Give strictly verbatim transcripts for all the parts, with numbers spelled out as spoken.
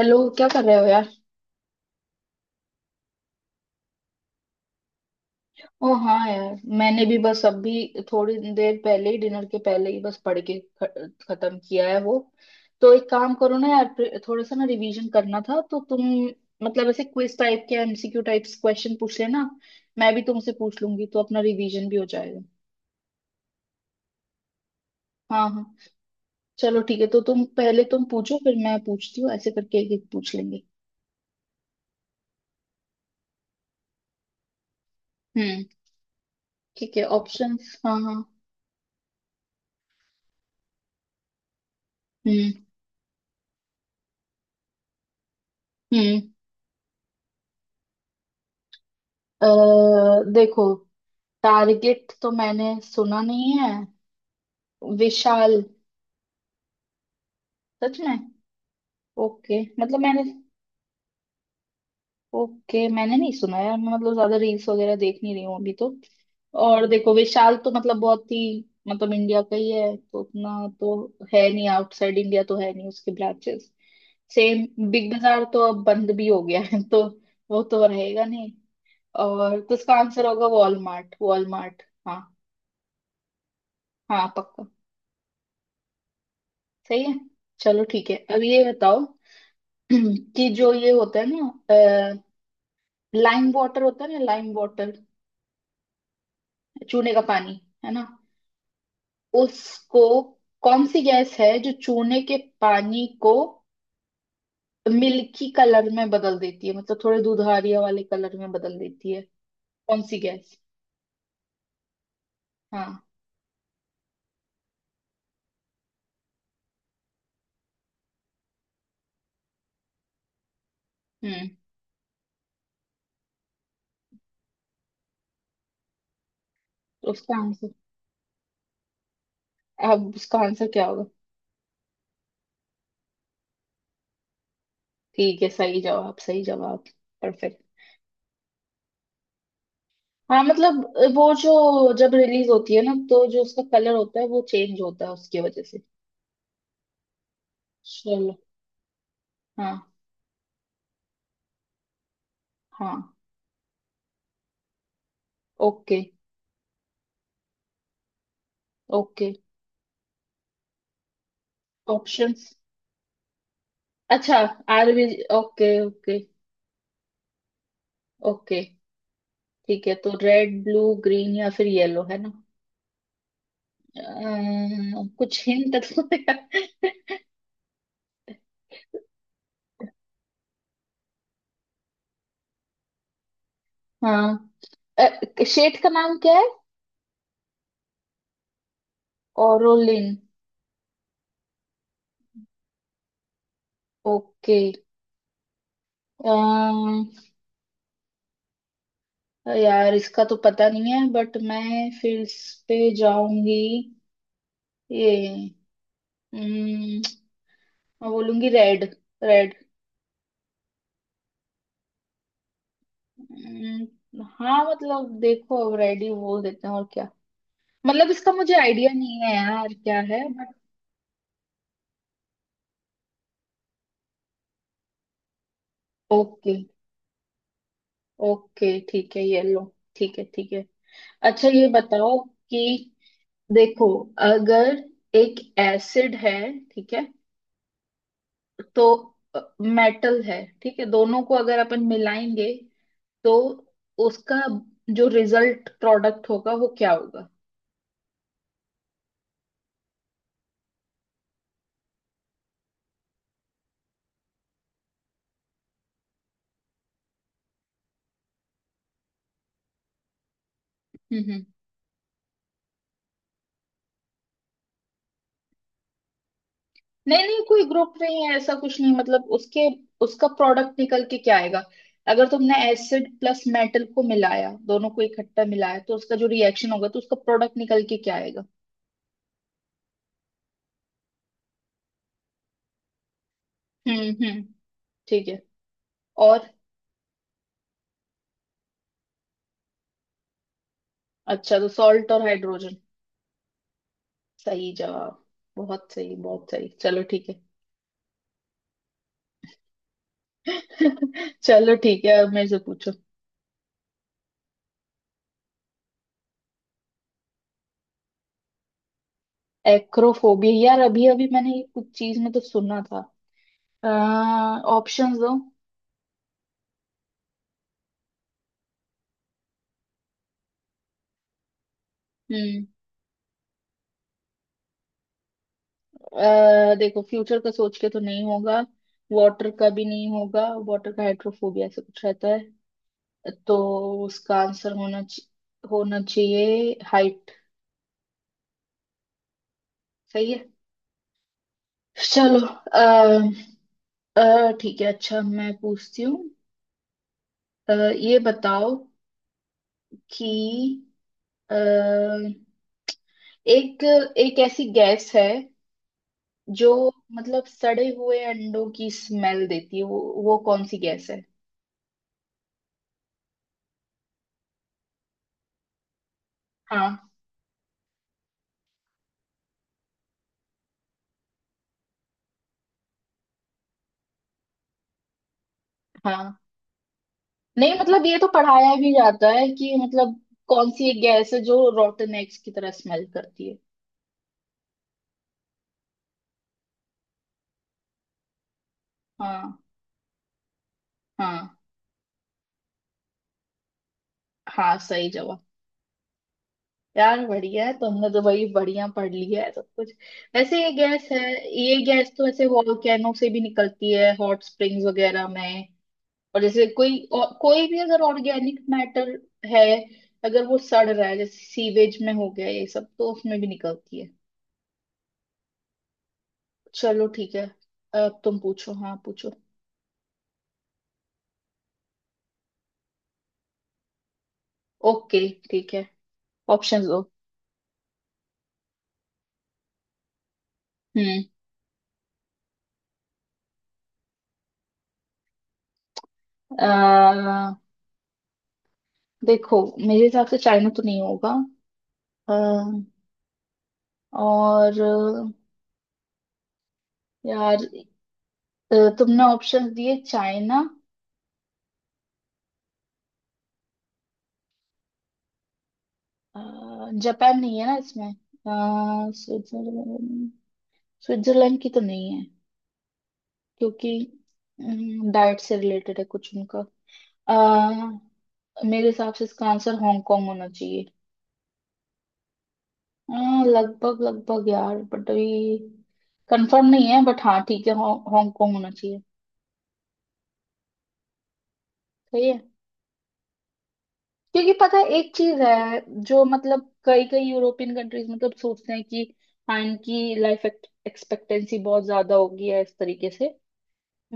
Hello, क्या कर रहे हो यार। ओ हाँ यार, मैंने भी बस अभी थोड़ी देर पहले ही, डिनर के पहले ही बस पढ़ के ख- खत्म किया है वो। तो एक काम करो ना यार, प्रे- थोड़ा सा ना रिवीजन करना था तो तुम मतलब ऐसे क्विज टाइप के एमसीक्यू टाइप्स क्वेश्चन पूछ लेना। मैं भी तुमसे पूछ लूंगी तो अपना रिवीजन भी हो जाएगा। हाँ हाँ। चलो ठीक है, तो तुम पहले तुम पूछो, फिर मैं पूछती हूँ, ऐसे करके एक एक पूछ लेंगे। हम्म। ठीक है, ऑप्शंस? हाँ हाँ। हम्म, हम्म। अ, देखो, टारगेट तो मैंने सुना नहीं है। विशाल। सच में? ओके, मतलब मैंने। ओके, मैंने नहीं सुना यार, मैं मतलब ज्यादा रील्स वगैरह देख नहीं रही हूँ अभी तो। और देखो विशाल तो मतलब बहुत ही, मतलब इंडिया का ही है तो उतना तो है नहीं, आउटसाइड इंडिया तो है नहीं उसके ब्रांचेस। सेम बिग बाजार तो अब बंद भी हो गया है तो वो तो रहेगा नहीं। और तो इसका आंसर होगा वॉलमार्ट, वॉलमार्ट, हाँ। हाँ, पक्का। सही है। चलो ठीक है, अब ये बताओ। कि जो ये होता है ना, लाइम वाटर होता है ना, लाइम वाटर, चूने का पानी, है ना? उसको, कौन सी गैस है जो चूने के पानी को मिल्की कलर में बदल देती है, मतलब थोड़े दुधारिया वाले कलर में बदल देती है? कौन सी गैस? हाँ। हम्म। तो उसका आंसर। अब उसका आंसर क्या होगा? ठीक है, सही जवाब, सही जवाब। परफेक्ट। हाँ मतलब, वो जो, जब रिलीज होती है ना तो जो उसका कलर होता है वो चेंज होता है उसकी वजह से। चलो। हाँ हाँ। Okay okay. ऑप्शंस? अच्छा, आरबी, ओके ओके। ओके ठीक है, तो रेड, ब्लू, ग्रीन या फिर येलो, है ना? अम, कुछ हिंट दो यार। हाँ। शेड का नाम क्या है? ओरोलिन। ओके। अम, यार इसका तो पता नहीं है, बट मैं फिर इस पे जाऊंगी। ये, अम, मैं बोलूंगी रेड। रेड। हम्म, हाँ मतलब देखो, अब रेडी बोल देते हैं और क्या, मतलब इसका मुझे आइडिया नहीं है यार, क्या है बट। ओके, ओके ठीक है, ये लो। ठीक है, ठीक है। अच्छा ये बताओ कि, देखो, अगर एक एसिड है, ठीक है। तो मेटल है, ठीक है, दोनों को अगर अपन मिलाएंगे तो उसका जो रिजल्ट प्रोडक्ट होगा, वो क्या होगा? हम्म, हम्म। नहीं नहीं, कोई ग्रुप नहीं है, ऐसा कुछ नहीं, मतलब उसके उसका प्रोडक्ट निकल के क्या आएगा? अगर तुमने एसिड प्लस मेटल को मिलाया, दोनों को इकट्ठा मिलाया, तो उसका जो रिएक्शन होगा, तो उसका प्रोडक्ट निकल के क्या आएगा? हम्म, हम्म। ठीक है। और, अच्छा, तो सॉल्ट और हाइड्रोजन। सही जवाब। बहुत सही, बहुत सही, चलो ठीक है। चलो ठीक है, अब मेरे से पूछो। एक्रोफोबिया, यार अभी अभी मैंने ये कुछ चीज में तो सुना था। ऑप्शंस दो। अ, देखो, फ्यूचर का सोच के तो नहीं होगा। वाटर का भी नहीं होगा। वाटर का हाइड्रोफोबिया ऐसा कुछ रहता है। तो उसका आंसर होना च- होना चाहिए हाइट। सही है। चलो, अ, अ, ठीक है, अच्छा मैं पूछती हूँ। अ, ये बताओ कि, अ, एक एक ऐसी गैस है जो मतलब सड़े हुए अंडों की स्मेल देती है, वो वो कौन सी गैस है? हाँ हाँ। नहीं मतलब, ये तो पढ़ाया भी जाता है कि, मतलब कौन सी एक गैस है जो रोटन एग्स की तरह स्मेल करती है? हाँ हाँ हाँ। सही जवाब। यार बढ़िया है, तुमने तो भाई बढ़िया पढ़ लिया है सब कुछ। वैसे ये गैस है, ये गैस तो ऐसे वॉल्केनो से भी निकलती है, हॉट स्प्रिंग्स वगैरह में। और जैसे कोई और, कोई भी अगर ऑर्गेनिक मैटर है, अगर वो सड़ रहा है, जैसे सीवेज में हो गया ये सब, तो उसमें भी निकलती है। चलो ठीक है। अब तुम पूछो, हाँ पूछो। ओके ठीक है। ऑप्शंस दो। हम्म। अह, देखो, मेरे हिसाब से चाइना तो नहीं होगा। अह, और अह, यार, अह, तुमने ऑप्शंस दिए चाइना, अह, जापान नहीं है ना इसमें? अह, स्विट्जरलैंड, स्विट्जरलैंड की तो नहीं है, क्योंकि डाइट से रिलेटेड है कुछ उनका। अह, मेरे हिसाब से इसका आंसर हांगकांग होना चाहिए। अह, लगभग लगभग यार, बट अभी कंफर्म नहीं है, बट हाँ ठीक है, हॉ- हांगकांग होना चाहिए। सही है। क्योंकि पता है, एक चीज है जो, मतलब कई कई यूरोपियन कंट्रीज मतलब सोचते हैं कि हाँ, इनकी लाइफ एक्सपेक्टेंसी बहुत ज्यादा होगी या इस तरीके से।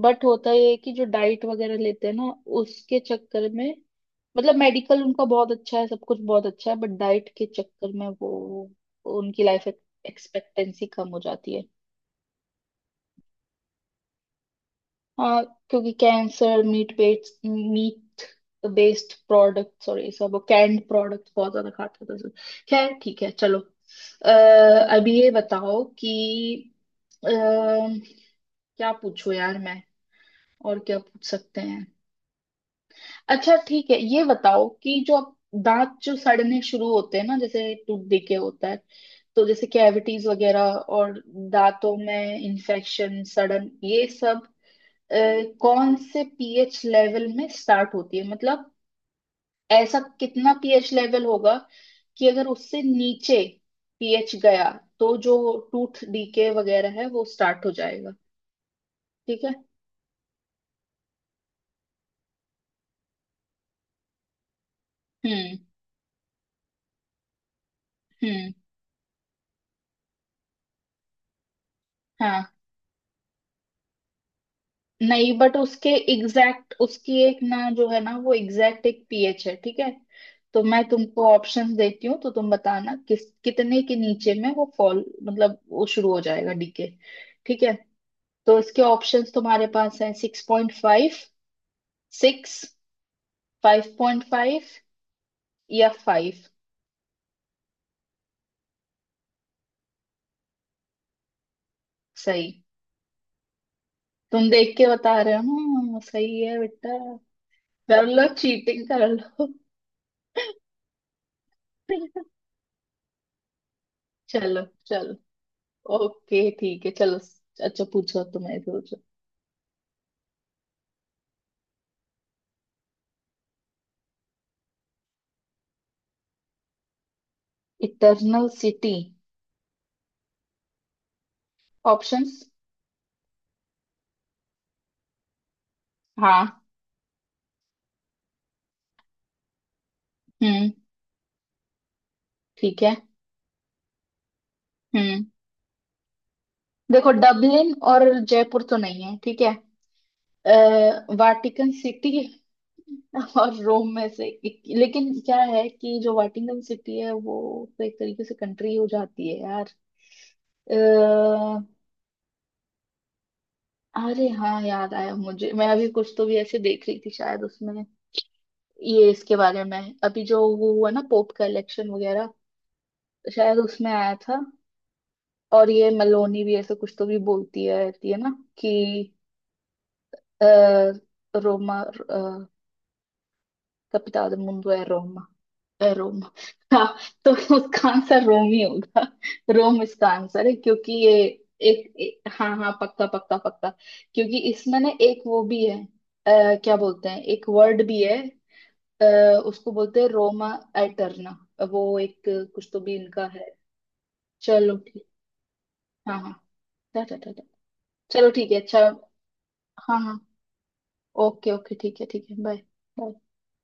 बट होता ये है कि जो डाइट वगैरह लेते हैं ना, उसके चक्कर में, मतलब मेडिकल उनका बहुत अच्छा है, सब कुछ बहुत अच्छा है, बट डाइट के चक्कर में वो, उनकी लाइफ एक्सपेक्टेंसी कम हो जाती है। हाँ, क्योंकि cancer, meat based meat based product, sorry सब कैंड प्रोडक्ट बहुत ज्यादा खाते थे सब। खैर ठीक है, चलो। अः अभी ये बताओ कि, अ, क्या पूछूं यार मैं, और क्या पूछ सकते हैं? अच्छा ठीक है, ये बताओ कि जो आप- दांत जो सड़ने शुरू होते हैं ना, जैसे टूटने के होता है, तो जैसे कैविटीज वगैरह, और दांतों में इन्फेक्शन, सड़न ये सब, अ, कौन से पीएच लेवल में स्टार्ट होती है, मतलब ऐसा कितना पीएच लेवल होगा कि अगर उससे नीचे पीएच गया, तो जो टूथ डीके वगैरह है वो स्टार्ट हो जाएगा? ठीक है। हम्म, हम्म। हाँ। नहीं बट उसके एग्जैक्ट उसकी एक ना जो है ना, वो एग्जैक्ट एक पीएच है, ठीक है। तो मैं तुमको ऑप्शन देती हूँ, तो तुम बताना किस कितने के नीचे में वो फॉल, मतलब वो शुरू हो जाएगा डीके। ठीक है। तो इसके ऑप्शंस तुम्हारे पास हैं: six point five, six, five point five या फाइव। सही। तुम देख के बता रहे हो, हम्म, सही है बेटा, कर लो चीटिंग कर लो। चलो, चलो। ओके ठीक है, चलो। अच्छा पूछो, तुम्हें पूछो। Eternal city. ऑप्शंस? हाँ, हम्म। ठीक है, हम्म। देखो, डबलिन और जयपुर तो नहीं है, ठीक है। वाटिकन सिटी और रोम में से एक, लेकिन क्या है कि जो वाटिकन सिटी है, वो तो एक तरीके से कंट्री हो जाती है यार। अ, अरे हाँ, याद आया मुझे, मैं अभी कुछ तो भी ऐसे देख रही थी, शायद उसमें ये इसके बारे में, अभी जो वो हुआ ना, पोप का इलेक्शन वगैरह, शायद उसमें आया था। और ये मेलोनी भी ऐसे कुछ तो भी बोलती है रहती है ना कि, आ, रोमा capital del mundo es Roma. है रोम। हाँ। तो उसका आंसर रोम ही होगा। रोम इसका आंसर है, क्योंकि ये एक, एक, हाँ हाँ, पक्का पक्का पक्का। क्योंकि इसमें ना एक वो भी है, आ, क्या बोलते हैं, एक वर्ड भी है, आ, उसको बोलते हैं रोमा एटर्ना, वो एक कुछ तो भी इनका है। चलो ठीक। हाँ हाँ। टा टा टा टा। चलो ठीक है, अच्छा। हाँ हाँ। ओके ओके ठीक है, ठीक है, बाय।